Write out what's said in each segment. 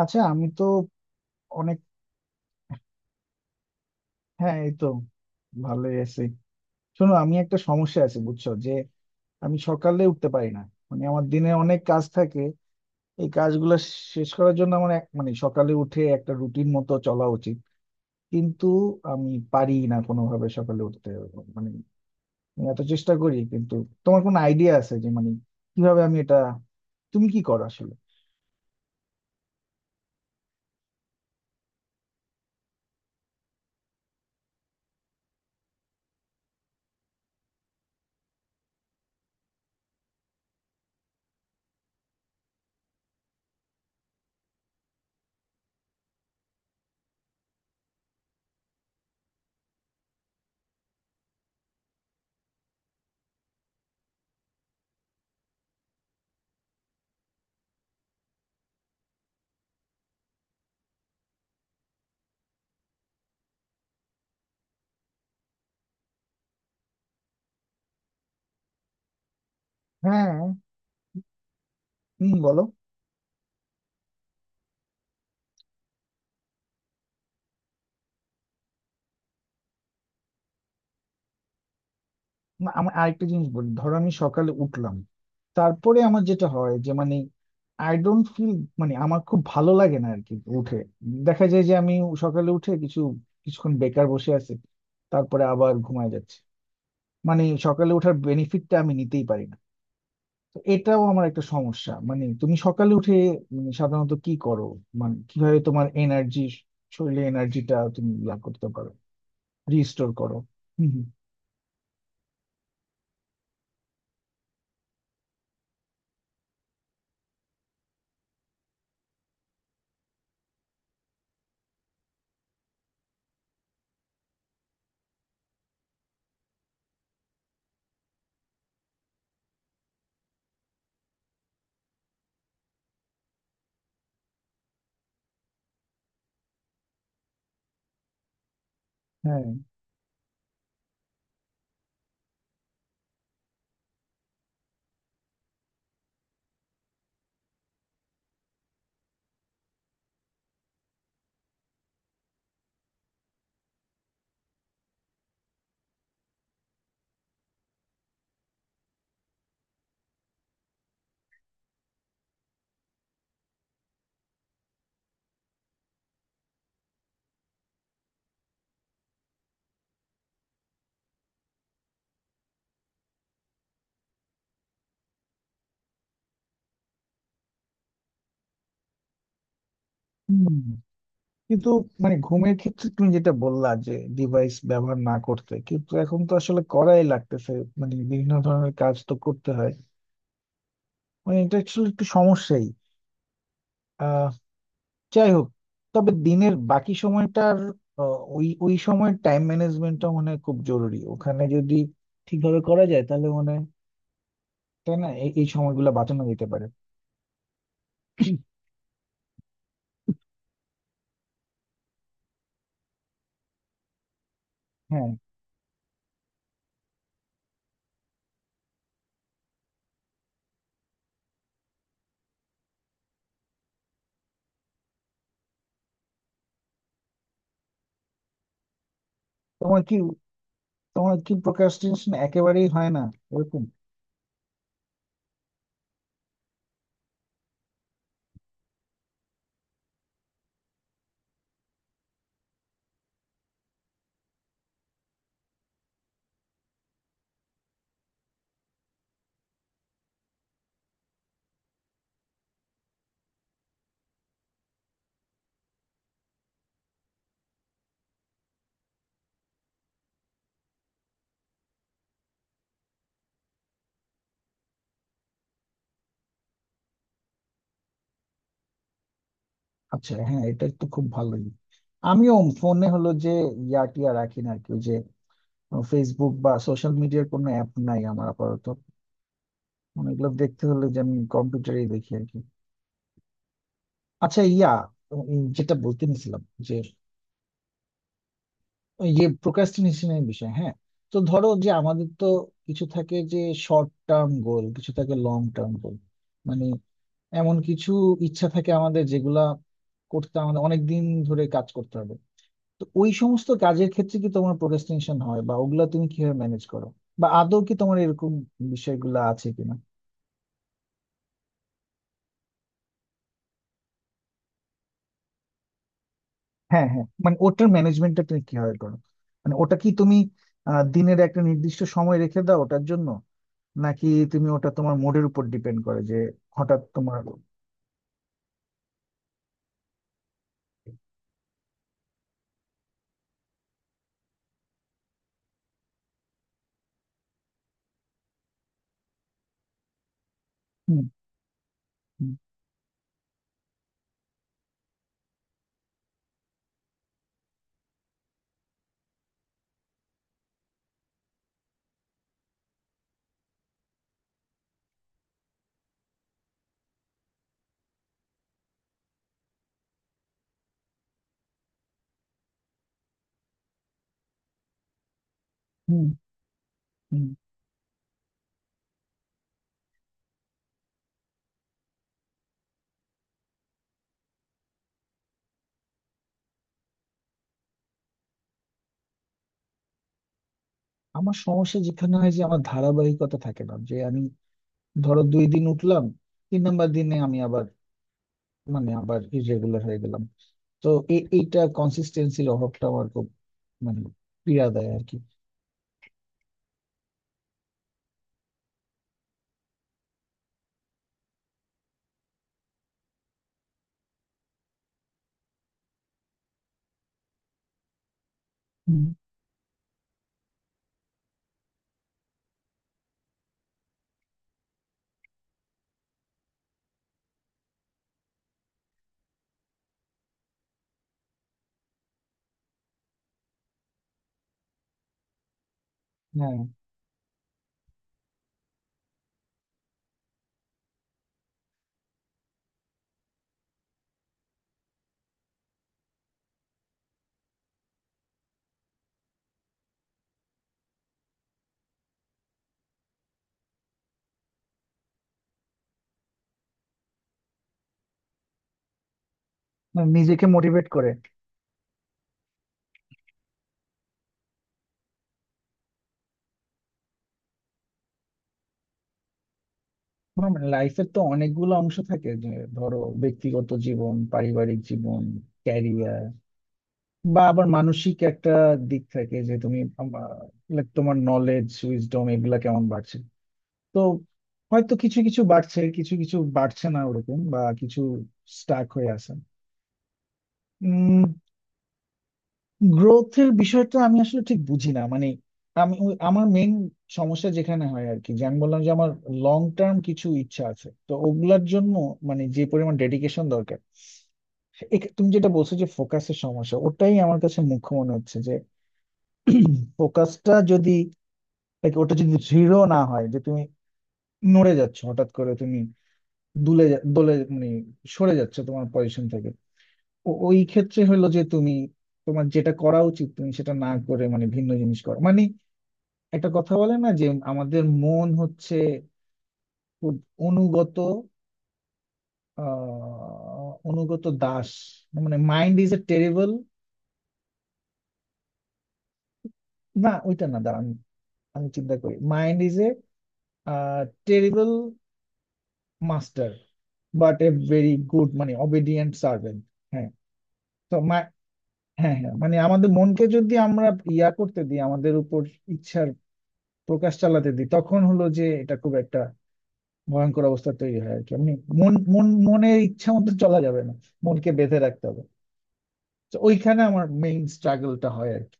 আচ্ছা আমি তো অনেক হ্যাঁ, এই তো ভালোই আছি। শোনো, আমি একটা সমস্যা আছে বুঝছো যে আমি সকালে উঠতে পারি না। মানে আমার দিনে অনেক কাজ থাকে, এই কাজগুলো শেষ করার জন্য আমার মানে সকালে উঠে একটা রুটিন মতো চলা উচিত, কিন্তু আমি পারি না কোনোভাবে সকালে উঠতে। মানে আমি এত চেষ্টা করি, কিন্তু তোমার কোনো আইডিয়া আছে যে মানে কিভাবে আমি এটা, তুমি কি করো আসলে? হ্যাঁ। হুম, বলো। না, আমি আরেকটা জিনিস বলি। ধরো আমি সকালে উঠলাম, তারপরে আমার যেটা হয় যে মানে আই ডোন্ট ফিল, মানে আমার খুব ভালো লাগে না আর কি উঠে। দেখা যায় যে আমি সকালে উঠে কিছুক্ষণ বেকার বসে আছি, তারপরে আবার ঘুমায় যাচ্ছে। মানে সকালে ওঠার বেনিফিটটা আমি নিতেই পারি না। তো এটাও আমার একটা সমস্যা। মানে তুমি সকালে উঠে মানে সাধারণত কি করো, মানে কিভাবে তোমার এনার্জি, শরীরে এনার্জিটা তুমি লাভ করতে পারো, রিস্টোর করো? হুম, হুম। হ্যাঁ, কিন্তু মানে ঘুমের ক্ষেত্রে তুমি যেটা বললা যে ডিভাইস ব্যবহার না করতে, কিন্তু এখন তো আসলে করাই লাগতেছে। মানে বিভিন্ন ধরনের কাজ তো করতে হয়, মানে এটা আসলে একটু সমস্যাই। আহ যাই হোক, তবে দিনের বাকি সময়টার আহ, ওই ওই সময়ের টাইম ম্যানেজমেন্টটা মনে হয় খুব জরুরি। ওখানে যদি ঠিকভাবে করা যায় তাহলে মানে, তাই না, এই এই সময়গুলো বাঁচানো যেতে পারে। হ্যাঁ। তোমার কি তোমার কি প্রোক্রাস্টিনেশন একেবারেই হয় না ওরকম? আচ্ছা, হ্যাঁ, এটা তো খুব ভালোই। আমিও ফোনে হলো যে ইয়া টিয়া রাখি না আর কি। ওই যে ফেসবুক বা সোশ্যাল মিডিয়ার কোনো অ্যাপ নাই আমার আপাতত। মানে এগুলো দেখতে হলে যে আমি কম্পিউটারেই দেখি আর কি। আচ্ছা, ইয়া, যেটা বলতে নিছিলাম যে ওই যে প্রোক্রাস্টিনেশনের বিষয়, হ্যাঁ। তো ধরো যে আমাদের তো কিছু থাকে যে শর্ট টার্ম গোল, কিছু থাকে লং টার্ম গোল। মানে এমন কিছু ইচ্ছা থাকে আমাদের যেগুলা করতে আমাদের অনেক দিন ধরে কাজ করতে হবে। তো ওই সমস্ত কাজের ক্ষেত্রে কি তোমার প্রোক্রাস্টিনেশন হয়, বা ওগুলা তুমি কিভাবে ম্যানেজ করো, বা আদৌ কি তোমার এরকম বিষয়গুলো আছে কিনা? হ্যাঁ, হ্যাঁ, মানে ওটার ম্যানেজমেন্টটা তুমি কিভাবে করো? মানে ওটা কি তুমি দিনের একটা নির্দিষ্ট সময় রেখে দাও ওটার জন্য, নাকি তুমি ওটা তোমার মুডের উপর ডিপেন্ড করে যে হঠাৎ তোমার। হুম, হুম, হুম, হুম। আমার সমস্যা যেখানে হয় যে আমার ধারাবাহিকতা থাকে না। যে আমি ধরো 2 দিন উঠলাম, 3 নাম্বার দিনে আমি আবার, মানে আবার ইরেগুলার হয়ে গেলাম। তো এইটা কনসিস্টেন্সির অভাবটা আমার খুব মানে পীড়া দেয় আর কি। হুম। হ্যাঁ, মানে নিজেকে মোটিভেট করে। লাইফের তো অনেকগুলো অংশ থাকে যে ধরো ব্যক্তিগত জীবন, পারিবারিক জীবন, ক্যারিয়ার, বা আবার মানসিক একটা দিক থাকে যে তুমি like তোমার নলেজ, উইজডম, এগুলা কেমন বাড়ছে। তো হয়তো কিছু কিছু বাড়ছে, কিছু কিছু বাড়ছে না ওরকম, বা কিছু স্টাক হয়ে আছে। উম গ্রোথের বিষয়টা আমি আসলে ঠিক বুঝি না। মানে আমি আমার মেইন সমস্যা যেখানে হয় আর কি যে আমি বললাম যে আমার লং টার্ম কিছু ইচ্ছা আছে, তো ওগুলার জন্য মানে যে পরিমাণ ডেডিকেশন দরকার, তুমি যেটা বলছো যে ফোকাসের সমস্যা, ওটাই আমার কাছে মুখ্য মনে হচ্ছে। যে ফোকাসটা যদি like ওটা যদি দৃঢ় না হয়, যে তুমি নড়ে যাচ্ছ, হঠাৎ করে তুমি দোলে, মানে সরে যাচ্ছ তোমার পজিশন থেকে। ওই ক্ষেত্রে হলো যে তুমি তোমার যেটা করা উচিত তুমি সেটা না করে মানে ভিন্ন জিনিস করো। মানে একটা কথা বলে না যে আমাদের মন হচ্ছে খুব অনুগত, অনুগত দাস। মানে মাইন্ড ইজ এ টেরিবল, না ওইটা না, দাঁড়ান, আমি চিন্তা করি mind is a terrible master, but a very good মানে অবিডিয়েন্ট সার্ভেন্ট। হ্যাঁ। তো হ্যাঁ, হ্যাঁ, মানে আমাদের মনকে যদি আমরা ইয়া করতে দিই আমাদের উপর ইচ্ছার প্রকাশ চালাতে দিই, তখন হলো যে এটা খুব একটা ভয়ঙ্কর অবস্থা তৈরি হয় আর কি, এমনি। মন মন মনের ইচ্ছা মতো চলা যাবে না, মনকে বেঁধে রাখতে হবে। তো ওইখানে আমার মেইন স্ট্রাগলটা হয় আর কি।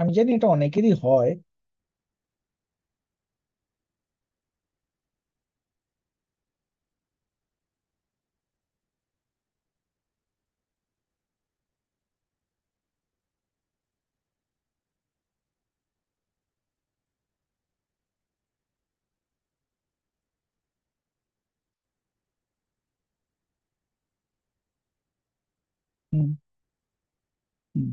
আমি জানি এটা অনেকেরই হয়। হুম, হুম।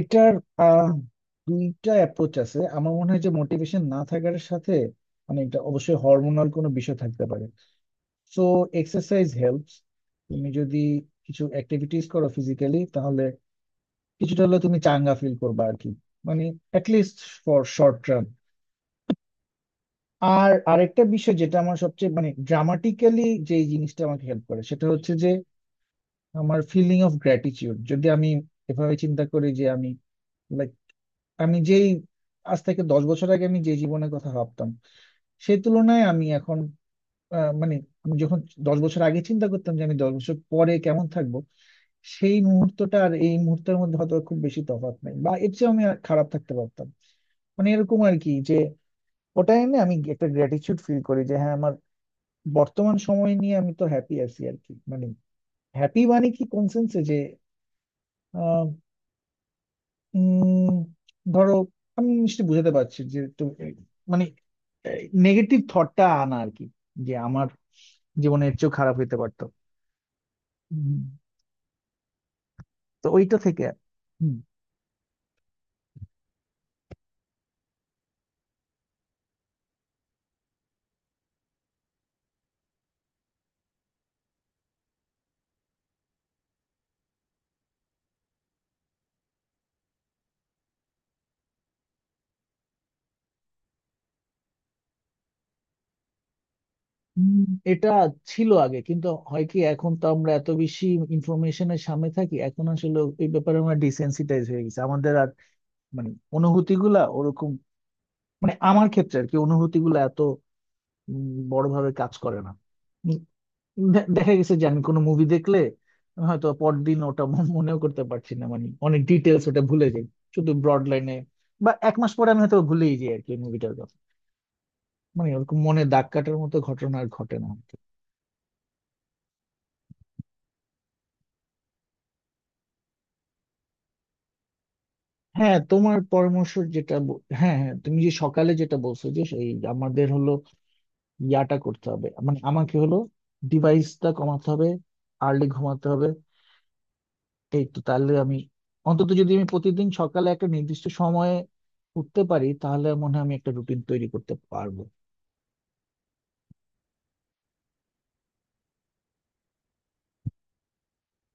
এটার আহ, দুইটা অ্যাপ্রোচ আছে আমার মনে হয় যে মোটিভেশন না থাকার সাথে। মানে এটা অবশ্যই হরমোনাল কোনো বিষয় থাকতে পারে, সো এক্সারসাইজ হেল্পস। তুমি যদি কিছু অ্যাক্টিভিটিস করো ফিজিক্যালি, তাহলে কিছুটা হলেও তুমি চাঙ্গা ফিল করবে আর কি। মানে অ্যাটলিস্ট ফর শর্ট টার্ম। আর আরেকটা বিষয় যেটা আমার সবচেয়ে মানে ড্রামাটিক্যালি, যে জিনিসটা আমাকে হেল্প করে সেটা হচ্ছে যে আমার ফিলিং অফ গ্র্যাটিটিউড। যদি আমি এভাবে চিন্তা করি যে আমি লাইক, আমি যেই, আজ থেকে 10 বছর আগে আমি যে জীবনের কথা ভাবতাম, সেই তুলনায় আমি এখন মানে আমি যখন 10 বছর আগে চিন্তা করতাম যে আমি 10 বছর পরে কেমন থাকবো, সেই মুহূর্তটা আর এই মুহূর্তের মধ্যে হয়তো খুব বেশি তফাৎ নেই, বা এর চেয়ে আমি আর খারাপ থাকতে পারতাম। মানে এরকম আর কি, যে ওটাই না, আমি একটা গ্র্যাটিটিউড ফিল করি যে হ্যাঁ, আমার বর্তমান সময় নিয়ে আমি তো হ্যাপি আছি আর কি। মানে হ্যাপি মানে কি, কোন সেন্সে যে আহ, উম, ধরো, আমি নিশ্চয়ই বুঝাতে পারছি, যে তো মানে নেগেটিভ থটটা আনা আর কি, যে আমার জীবনে এর চেয়েও খারাপ হইতে পারতো। হুম। তো ওইটা থেকে। হুম, হুম। এটা ছিল আগে, কিন্তু হয় কি, এখন তো আমরা এত বেশি ইনফরমেশনের সামনে থাকি, এখন আসলে এই ব্যাপারে আমরা ডিসেন্সিটাইজ হয়ে গেছি। আমাদের আর মানে অনুভূতিগুলা ওরকম, মানে আমার ক্ষেত্রে আর কি অনুভূতিগুলো এত বড়ভাবে কাজ করে না। উম, দেখা গেছে যে আমি কোনো মুভি দেখলে হয়তো পরদিন ওটা মনেও করতে পারছি না, মানে অনেক ডিটেলস ওটা ভুলে যাই, শুধু ব্রড লাইনে। বা 1 মাস পরে আমি হয়তো ভুলেই যাই আর কি মুভিটার কথা। মানে ওরকম মনে দাগ কাটার মতো ঘটনা আর ঘটে না আর কি। হ্যাঁ, তোমার পরামর্শ যেটা হ্যাঁ, হ্যাঁ, তুমি যে সকালে যেটা বলছো যে এই আমাদের হলো ইয়াটা করতে হবে। মানে আমাকে হলো ডিভাইসটা কমাতে হবে, আর্লি ঘুমাতে হবে। এই তো, তাহলে আমি অন্তত যদি আমি প্রতিদিন সকালে একটা নির্দিষ্ট সময়ে উঠতে পারি, তাহলে মনে হয় আমি একটা রুটিন তৈরি করতে পারবো।